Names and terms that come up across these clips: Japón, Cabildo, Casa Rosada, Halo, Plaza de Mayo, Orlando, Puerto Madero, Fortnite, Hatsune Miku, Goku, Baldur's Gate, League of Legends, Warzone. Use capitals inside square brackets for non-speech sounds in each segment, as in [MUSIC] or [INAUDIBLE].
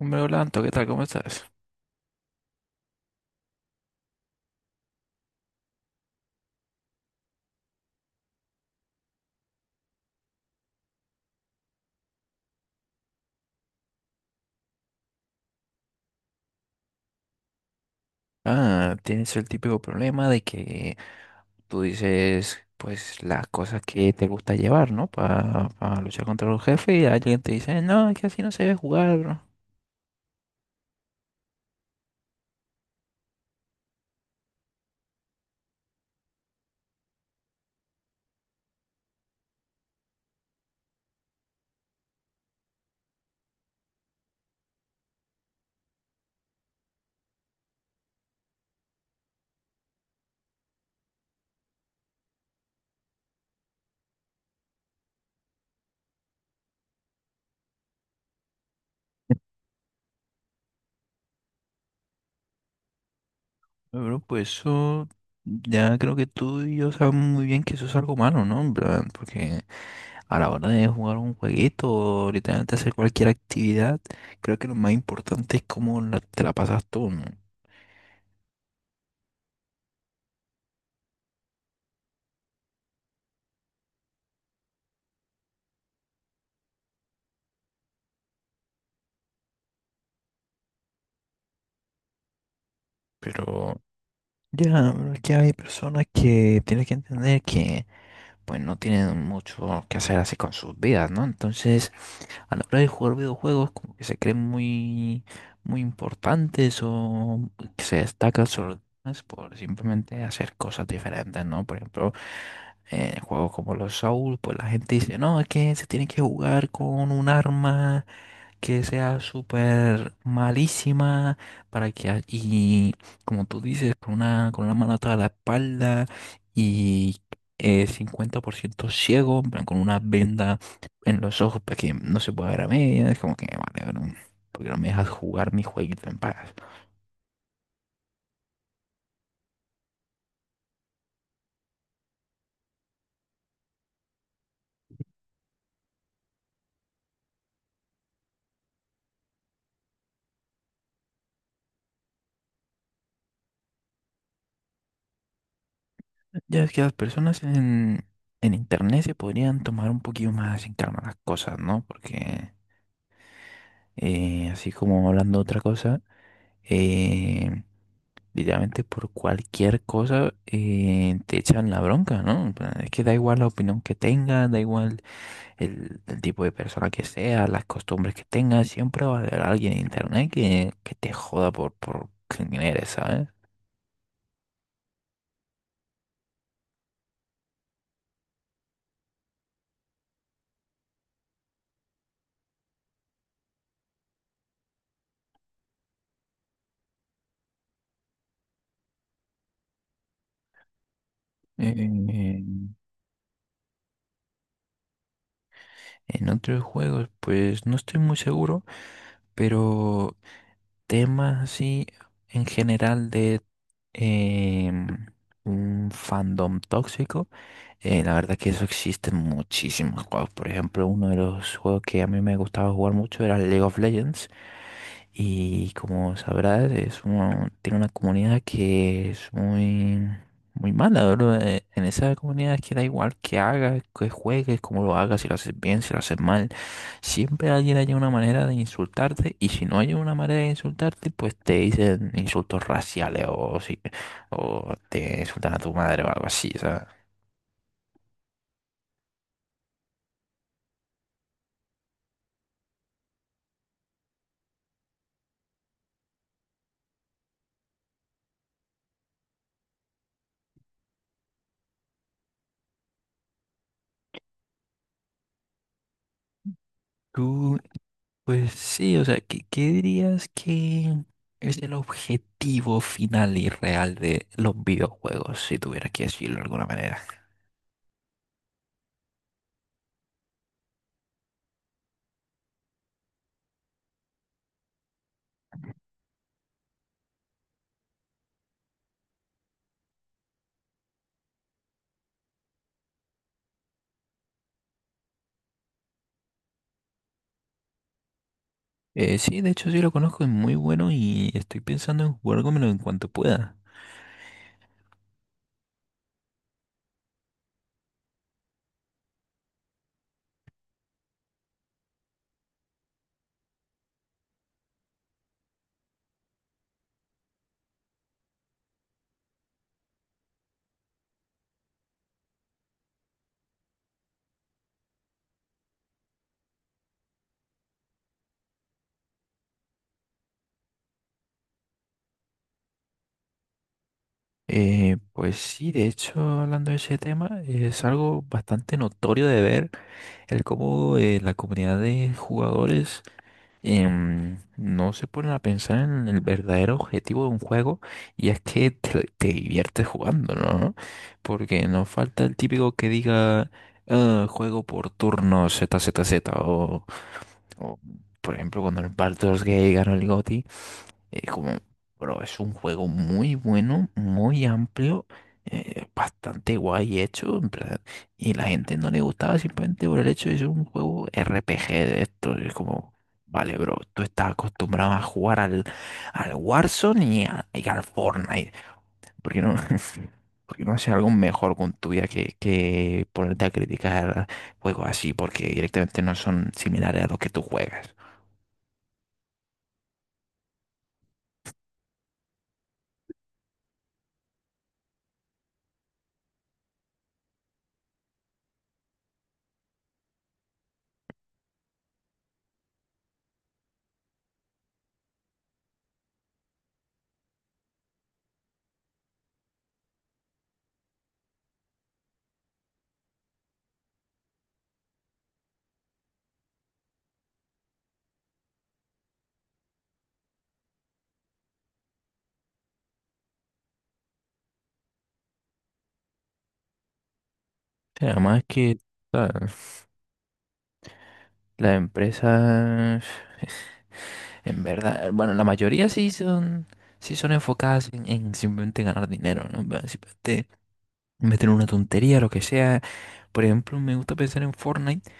Hombre, Orlando, ¿qué tal? ¿Cómo estás? Ah, tienes el típico problema de que tú dices, pues, las cosas que te gusta llevar, ¿no? Para luchar contra los jefes y alguien te dice, no, es que así no se debe jugar, bro. Pero pues eso, ya creo que tú y yo sabemos muy bien que eso es algo malo, ¿no? En plan, porque a la hora de jugar un jueguito o literalmente hacer cualquier actividad, creo que lo más importante es cómo te la pasas tú, ¿no? Pero... Ya, pero es que hay personas que tienen que entender que pues no tienen mucho que hacer así con sus vidas, ¿no? Entonces, a la hora de jugar videojuegos, como que se creen muy, muy importantes o que se destacan sobre los demás por simplemente hacer cosas diferentes, ¿no? Por ejemplo, en juegos como los Souls, pues la gente dice, no, es que se tiene que jugar con un arma que sea súper malísima para que y como tú dices con una mano atrás de la espalda y 50% ciego, en plan, con una venda en los ojos para que no se pueda ver a medias. Como que vale, bro, porque no me dejas jugar mi jueguito en paz. Ya es que las personas en internet se podrían tomar un poquito más en calma las cosas, ¿no? Porque así como hablando de otra cosa, eh, literalmente por cualquier cosa te echan la bronca, ¿no? En plan, es que da igual la opinión que tengas, da igual el tipo de persona que sea, las costumbres que tengas, siempre va a haber alguien en internet que te joda por quién eres, ¿sabes? Eh, en otros juegos, pues no estoy muy seguro, pero temas así en general de em, un fandom tóxico. La verdad que eso existe en muchísimos juegos. Por ejemplo, uno de los juegos que a mí me gustaba jugar mucho era League of Legends. Y como sabrás, es tiene una comunidad que es muy, muy mala, bro. En esa comunidad, que da igual que hagas, que juegues, cómo lo hagas, si lo haces bien, si lo haces mal, siempre alguien haya una manera de insultarte, y si no hay una manera de insultarte, pues te dicen insultos raciales o, si, o te insultan a tu madre o algo así, ¿sabes? ¿Tú Pues sí, o sea, ¿qué, qué dirías que es el objetivo final y real de los videojuegos, si tuvieras que decirlo de alguna manera? Sí, de hecho sí lo conozco, es muy bueno y estoy pensando en jugármelo en cuanto pueda. Pues sí, de hecho, hablando de ese tema, es algo bastante notorio de ver el cómo la comunidad de jugadores no se ponen a pensar en el verdadero objetivo de un juego, y es que te diviertes jugando, ¿no? Porque no falta el típico que diga "Ah, juego por turno z Z Z", o por ejemplo cuando el Baldur's Gate ganó el GOTY, es como, bro, es un juego muy bueno, muy amplio, bastante guay hecho, en plan, y la gente no le gustaba simplemente por el hecho de ser un juego RPG de esto. Es como, vale, bro, tú estás acostumbrado a jugar al, al Warzone y, y al Fortnite. ¿Por qué no, [LAUGHS] por qué no hacer algo mejor con tu vida que ponerte a criticar juegos así? Porque directamente no son similares a los que tú juegas. O además que... ¿sabes? Las empresas, [LAUGHS] en verdad, bueno, la mayoría sí son enfocadas en simplemente ganar dinero, ¿no? Va, simplemente meter una tontería, lo que sea. Por ejemplo, me gusta pensar en Fortnite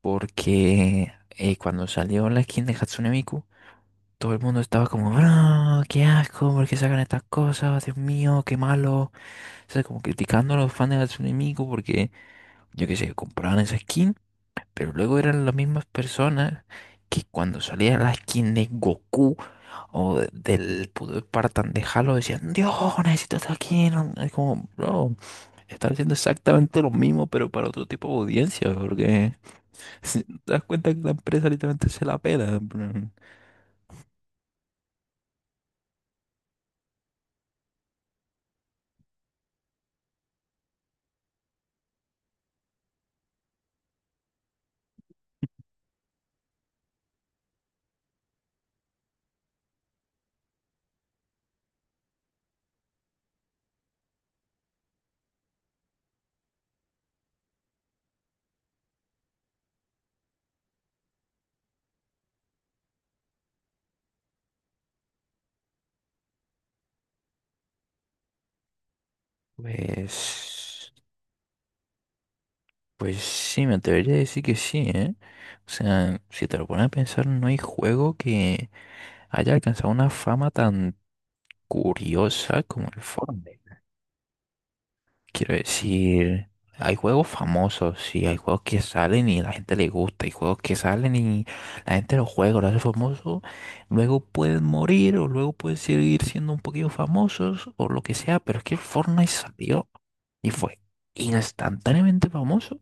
porque cuando salió la skin de Hatsune Miku, todo el mundo estaba como, bro, qué asco, ¿por qué sacan estas cosas? Dios mío, qué malo. O sea, como criticando a los fans de Hatsune Miku porque, yo qué sé, compraban esa skin. Pero luego eran las mismas personas que cuando salía la skin de Goku o del puto Spartan de Halo decían, Dios, necesito esta skin no- Es como, bro, están haciendo exactamente lo mismo, pero para otro tipo de audiencia, porque [LAUGHS] si te das cuenta que la empresa literalmente se la pela, en plan, Pues, pues sí, me atrevería a decir que sí, ¿eh? O sea, si te lo pones a pensar, no hay juego que haya alcanzado una fama tan curiosa como el Fortnite. Quiero decir, hay juegos famosos y hay juegos que salen y la gente le gusta, hay juegos que salen y la gente los juega, los hace famosos, luego pueden morir o luego pueden seguir siendo un poquito famosos o lo que sea, pero es que el Fortnite salió y fue instantáneamente famoso,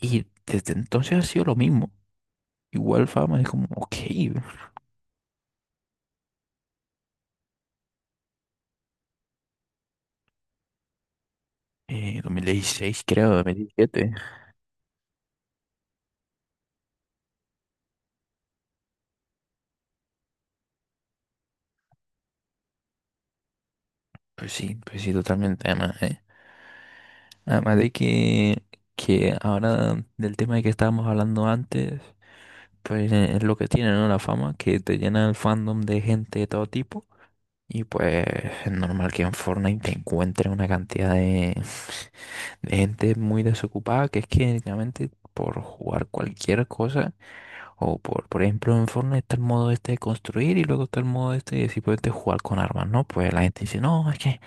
y desde entonces ha sido lo mismo. Igual fama es como, ok, 2016 creo, 2017. Pues sí, totalmente, además, ¿eh? Además de que ahora del tema de que estábamos hablando antes, pues es lo que tiene, ¿no? La fama, que te llena el fandom de gente de todo tipo. Y pues es normal que en Fortnite te encuentres una cantidad de, [LAUGHS] de gente muy desocupada, que es que directamente por jugar cualquier cosa, o por ejemplo en Fortnite está el modo este de construir y luego está el modo este de simplemente jugar con armas, ¿no? Pues la gente dice, no, es que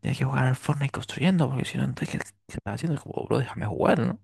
tienes que jugar al Fortnite construyendo, porque si no, entonces, ¿qué, qué estás haciendo? Es como, bro, déjame jugar, ¿no?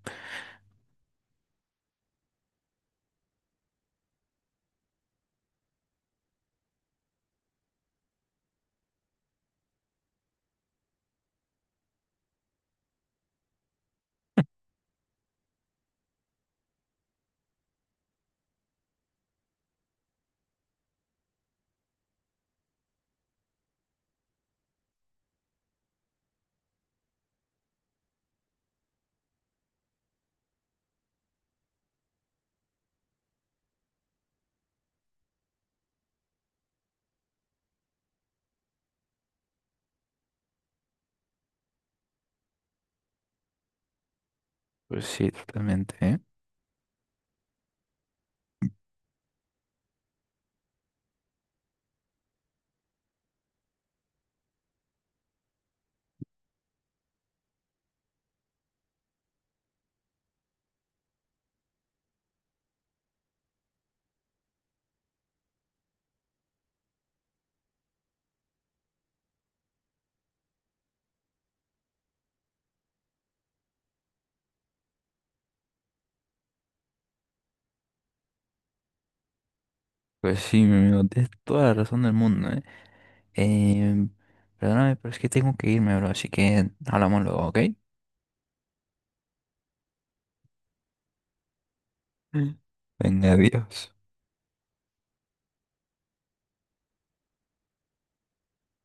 Pues sí, totalmente, ¿eh? Pues sí, mi amigo, tienes toda la razón del mundo, ¿eh? Em, perdóname, pero es que tengo que irme, bro, así que hablamos luego, ¿ok? Mm. Venga, adiós.